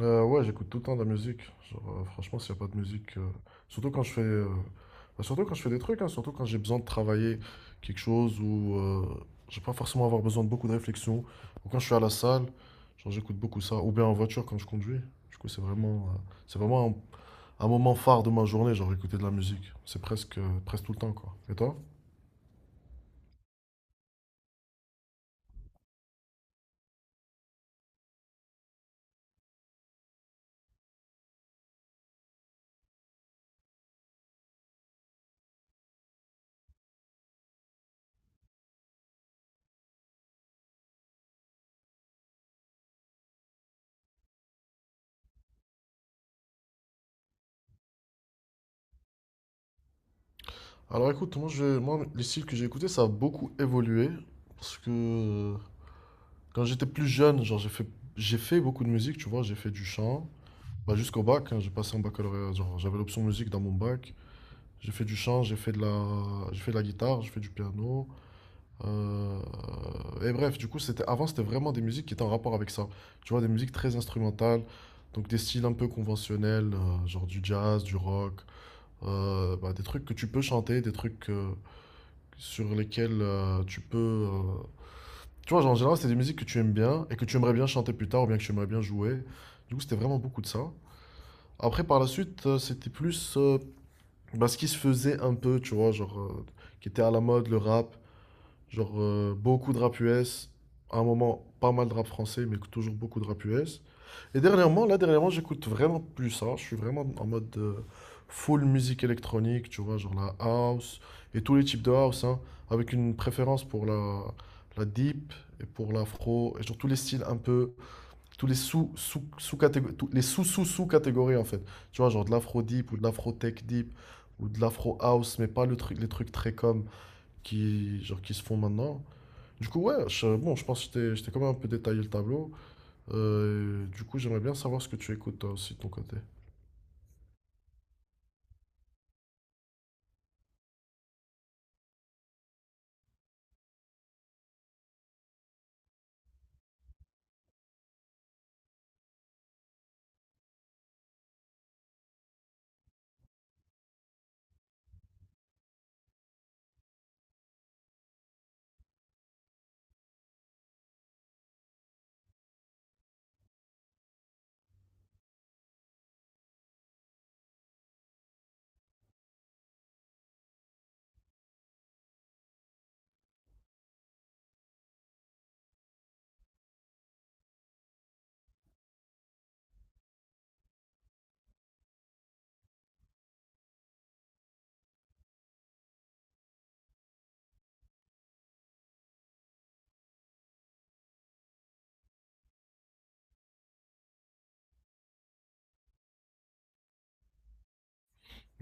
Ouais, J'écoute tout le temps de la musique. Franchement, s'il n'y a pas de musique, surtout quand surtout quand je fais des trucs, hein, surtout quand j'ai besoin de travailler quelque chose ou je vais pas forcément avoir besoin de beaucoup de réflexion. Ou quand je suis à la salle, genre j'écoute beaucoup ça. Ou bien en voiture quand je conduis. Du coup, c'est vraiment un, un moment phare de ma journée, genre écouter de la musique. C'est presque tout le temps, quoi. Et toi? Alors écoute, moi, les styles que j'ai écoutés, ça a beaucoup évolué parce que quand j'étais plus jeune, j'ai fait beaucoup de musique, tu vois, j'ai fait du chant. Bah, jusqu'au bac, hein, j'ai passé en baccalauréat, genre j'avais l'option musique dans mon bac. J'ai fait du chant, j'ai fait de la guitare, j'ai fait du piano. euh, Et bref, du coup, c'était avant, c'était vraiment des musiques qui étaient en rapport avec ça. Tu vois, des musiques très instrumentales, donc des styles un peu conventionnels, genre du jazz, du rock, bah, des trucs que tu peux chanter, des trucs sur lesquels tu peux euh, tu vois, genre, en général, c'est des musiques que tu aimes bien et que tu aimerais bien chanter plus tard ou bien que tu aimerais bien jouer. Du coup, c'était vraiment beaucoup de ça. Après, par la suite, c'était plus bah, ce qui se faisait un peu, tu vois, qui était à la mode, le rap. Beaucoup de rap US. À un moment, pas mal de rap français, mais toujours beaucoup de rap US. Et dernièrement, là, dernièrement, j'écoute vraiment plus ça. Je suis vraiment en mode full musique électronique, tu vois, genre la house et tous les types de house, hein, avec une préférence pour la deep et pour l'afro et genre tous les styles un peu, tous les sous sous sous catégories, les sous sous sous catégories en fait. Tu vois, genre de l'afro deep ou de l'afro tech deep ou de l'afro house, mais pas le truc, les trucs très comme qui genre qui se font maintenant. Du coup, ouais, bon, je pense que je t'ai quand même un peu détaillé le tableau. Du coup, j'aimerais bien savoir ce que tu écoutes toi aussi de ton côté.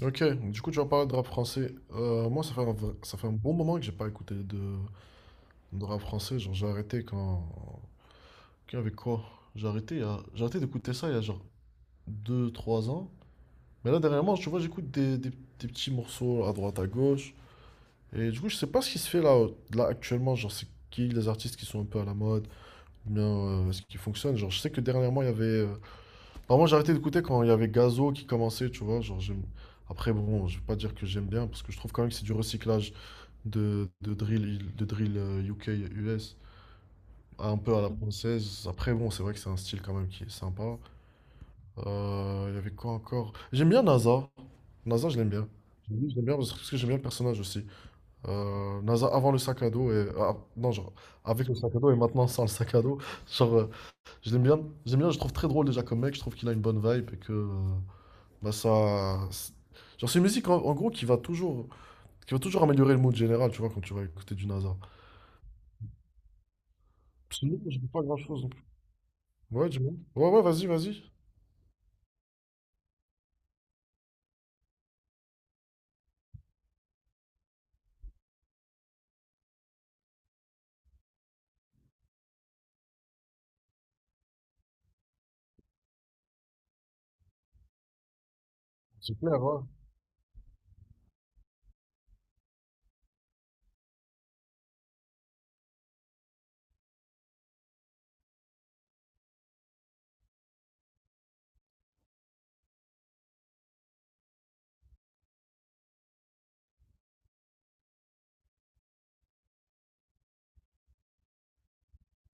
Ok, du coup, tu vas parler de rap français. Moi, ça fait un bon moment que j'ai pas écouté de rap français. Genre, j'ai arrêté quand. Quand avec quoi? J'ai arrêté d'écouter ça il y a genre deux trois ans. Mais là, dernièrement, tu vois, j'écoute des petits morceaux à droite, à gauche. Et du coup, je sais pas ce qui se fait là actuellement. Genre, c'est qui les artistes qui sont un peu à la mode? Ou bien ce qui fonctionne? Genre, je sais que dernièrement, il y avait. Enfin, moi, j'ai arrêté d'écouter quand il y avait Gazo qui commençait, tu vois. Après, bon, je vais pas dire que j'aime bien, parce que je trouve quand même que c'est du recyclage de drill, de drill, UK, US, un peu à la française. Après, bon, c'est vrai que c'est un style quand même qui est sympa. Il y avait quoi encore? J'aime bien NASA. NASA, je l'aime bien. Oui, je l'aime bien parce que j'aime bien le personnage aussi. NASA avant le sac à dos et... ah, non, genre, avec le sac à dos et maintenant sans le sac à dos. Genre, euh, je l'aime bien. J'aime bien, je le trouve très drôle déjà comme mec. Je trouve qu'il a une bonne vibe et que... Bah ça... c'est- Genre c'est une musique en gros qui va toujours améliorer le mood général, tu vois, quand tu vas écouter du NASA. Sinon, je dis pas grand-chose non plus. Ouais, dis-moi. Ouais, ouais, vas-y, vas-y. C'est clair, ouais.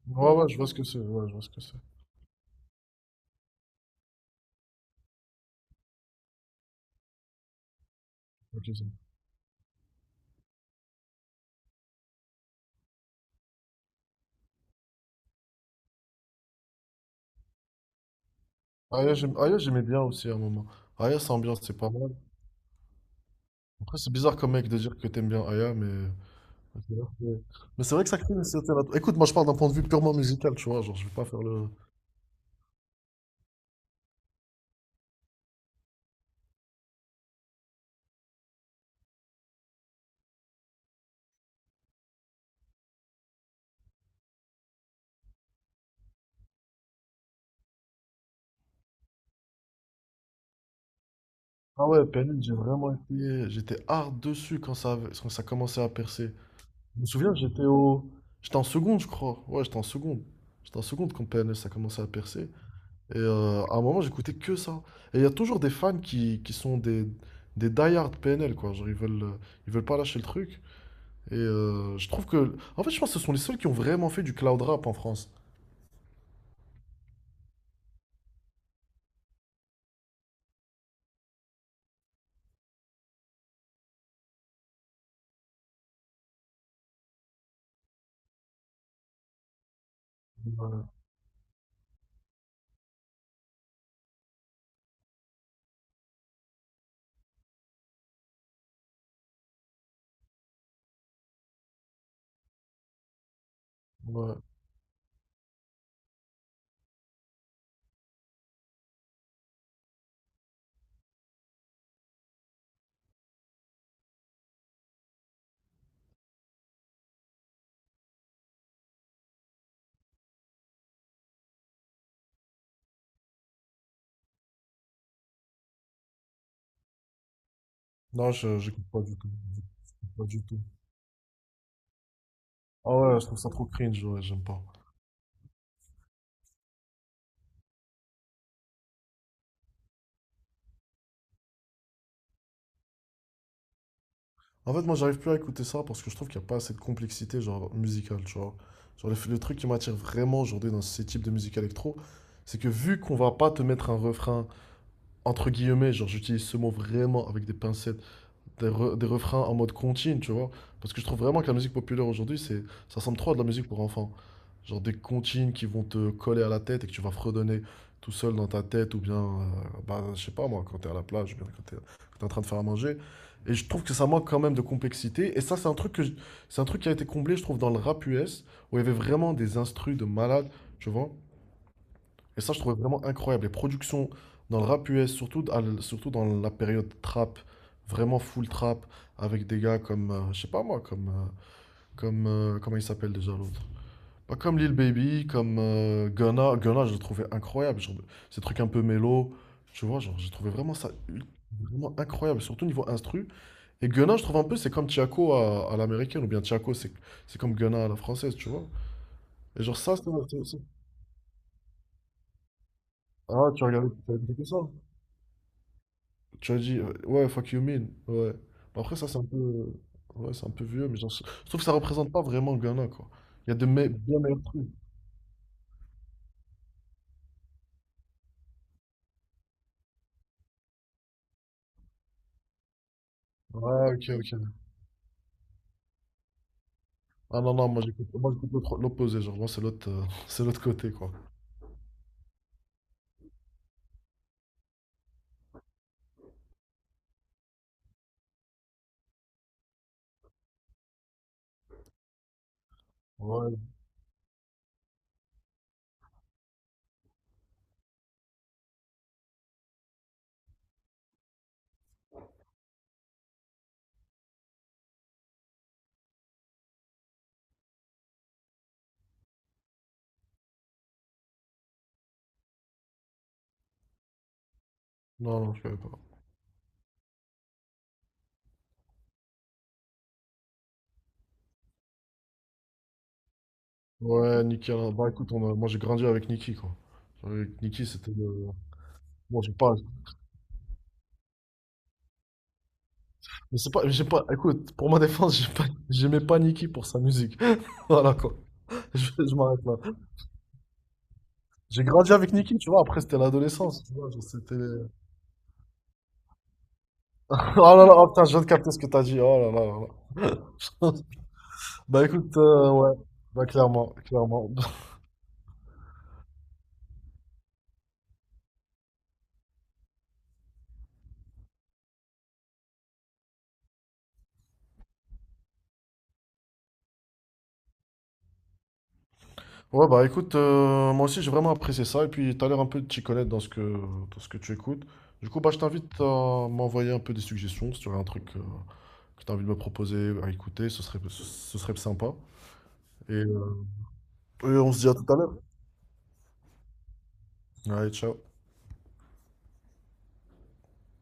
Ouais, ouais, je vois ce que c'est. Ouais, je vois ce que c'est. Ok, c'est bon. Aya, j'aimais bien aussi à un moment. Aya, c'est ambiance, c'est pas mal. Après, c'est bizarre comme mec de dire que t'aimes bien Aya, mais... c'est vrai que- Mais c'est vrai que ça crée une certaine... Écoute, moi, je parle d'un point de vue purement musical, tu vois, genre, je vais pas faire le... Ah ouais, PNL, j'ai vraiment été... J'étais hard dessus quand ça, avait- Quand ça commençait à percer. Je me souviens, j'étais au... J'étais en seconde, je crois. Ouais, j'étais en seconde. J'étais en seconde quand PNL, ça commençait à percer. Et à un moment, j'écoutais que ça. Et il y a toujours des fans qui sont des die-hard PNL, quoi. Ils veulent pas lâcher le truc. Et je trouve que... En fait, je pense que ce sont les seuls qui ont vraiment fait du cloud rap en France. Ouais, ouais. Non, j'écoute pas du tout. J'écoute pas du tout. Ah ouais, je trouve ça trop cringe, ouais, j'aime pas. En fait, moi, j'arrive plus à écouter ça parce que je trouve qu'il n'y a pas assez de complexité, genre, musicale, tu vois. Genre, le truc qui m'attire vraiment aujourd'hui dans ces types de musique électro, c'est que vu qu'on va pas te mettre un refrain, entre guillemets, genre, j'utilise ce mot vraiment avec des pincettes, des refrains en mode contine, tu vois. Parce que je trouve vraiment que la musique populaire aujourd'hui, ça ressemble trop à de la musique pour enfants. Genre des comptines qui vont te coller à la tête et que tu vas fredonner tout seul dans ta tête, bah, je sais pas moi, quand t'es à la plage, ou bien quand quand t'es en train de faire à manger. Et je trouve que ça manque quand même de complexité. Et ça, c'est un truc qui a été comblé, je trouve, dans le rap US, où il y avait vraiment des instrus de malades, tu vois. Et ça, je trouvais vraiment incroyable. Les productions dans le rap US, surtout dans la période trap, vraiment full trap, avec des gars comme, je sais pas moi, comme, comme, comment il s'appelle déjà l'autre? Pas comme Lil Baby, comme Gunna. Gunna, je le trouvais incroyable. Genre, ces trucs un peu mélo. Tu vois, genre, j'ai trouvé vraiment ça ul- vraiment incroyable, surtout niveau instru. Et Gunna, je trouve un peu, c'est comme Tiako à l'américaine, ou bien Tiako, c'est comme Gunna à la française, tu vois. Et genre, ça, c'est. c'est- c'est- Ah, tu as écouté ça? Ouais, fuck you mean, ouais. Mais après, ça, c'est un peu. Ouais, c'est un peu vieux, mais genre, je trouve que ça représente pas vraiment Ghana, quoi. Il y a de me- Bien meilleurs trucs. Ouais, ok, ok. Ah non, non, l'opposé, genre moi c'est l'autre, c'est l'autre côté quoi. Ouais, non, non, je savais pas. Ouais, Niki alors, bah écoute, moi j'ai grandi avec Niki quoi. Avec Nicki c'était le... Bon, j'ai pas... Mais c'est pas... J'ai pas... Écoute, pour ma défense, j'ai pas... j'aimais pas Niki pour sa musique. Voilà quoi. Je m'arrête là. J'ai grandi avec Niki tu vois, après c'était l'adolescence, tu vois, genre, c'était... Oh là là, oh, putain, je viens de capter ce que t'as dit, oh là là là là. Bah écoute, ouais, bah clairement, clairement. Ouais, bah écoute, moi aussi j'ai vraiment apprécié ça et puis t'as l'air un peu de t'y connaître dans ce que tu écoutes. Du coup, bah je t'invite à m'envoyer un peu des suggestions si tu aurais un truc que tu as envie de me proposer à écouter, ce serait sympa. Et et on se dit à tout à l'heure. Allez, ciao.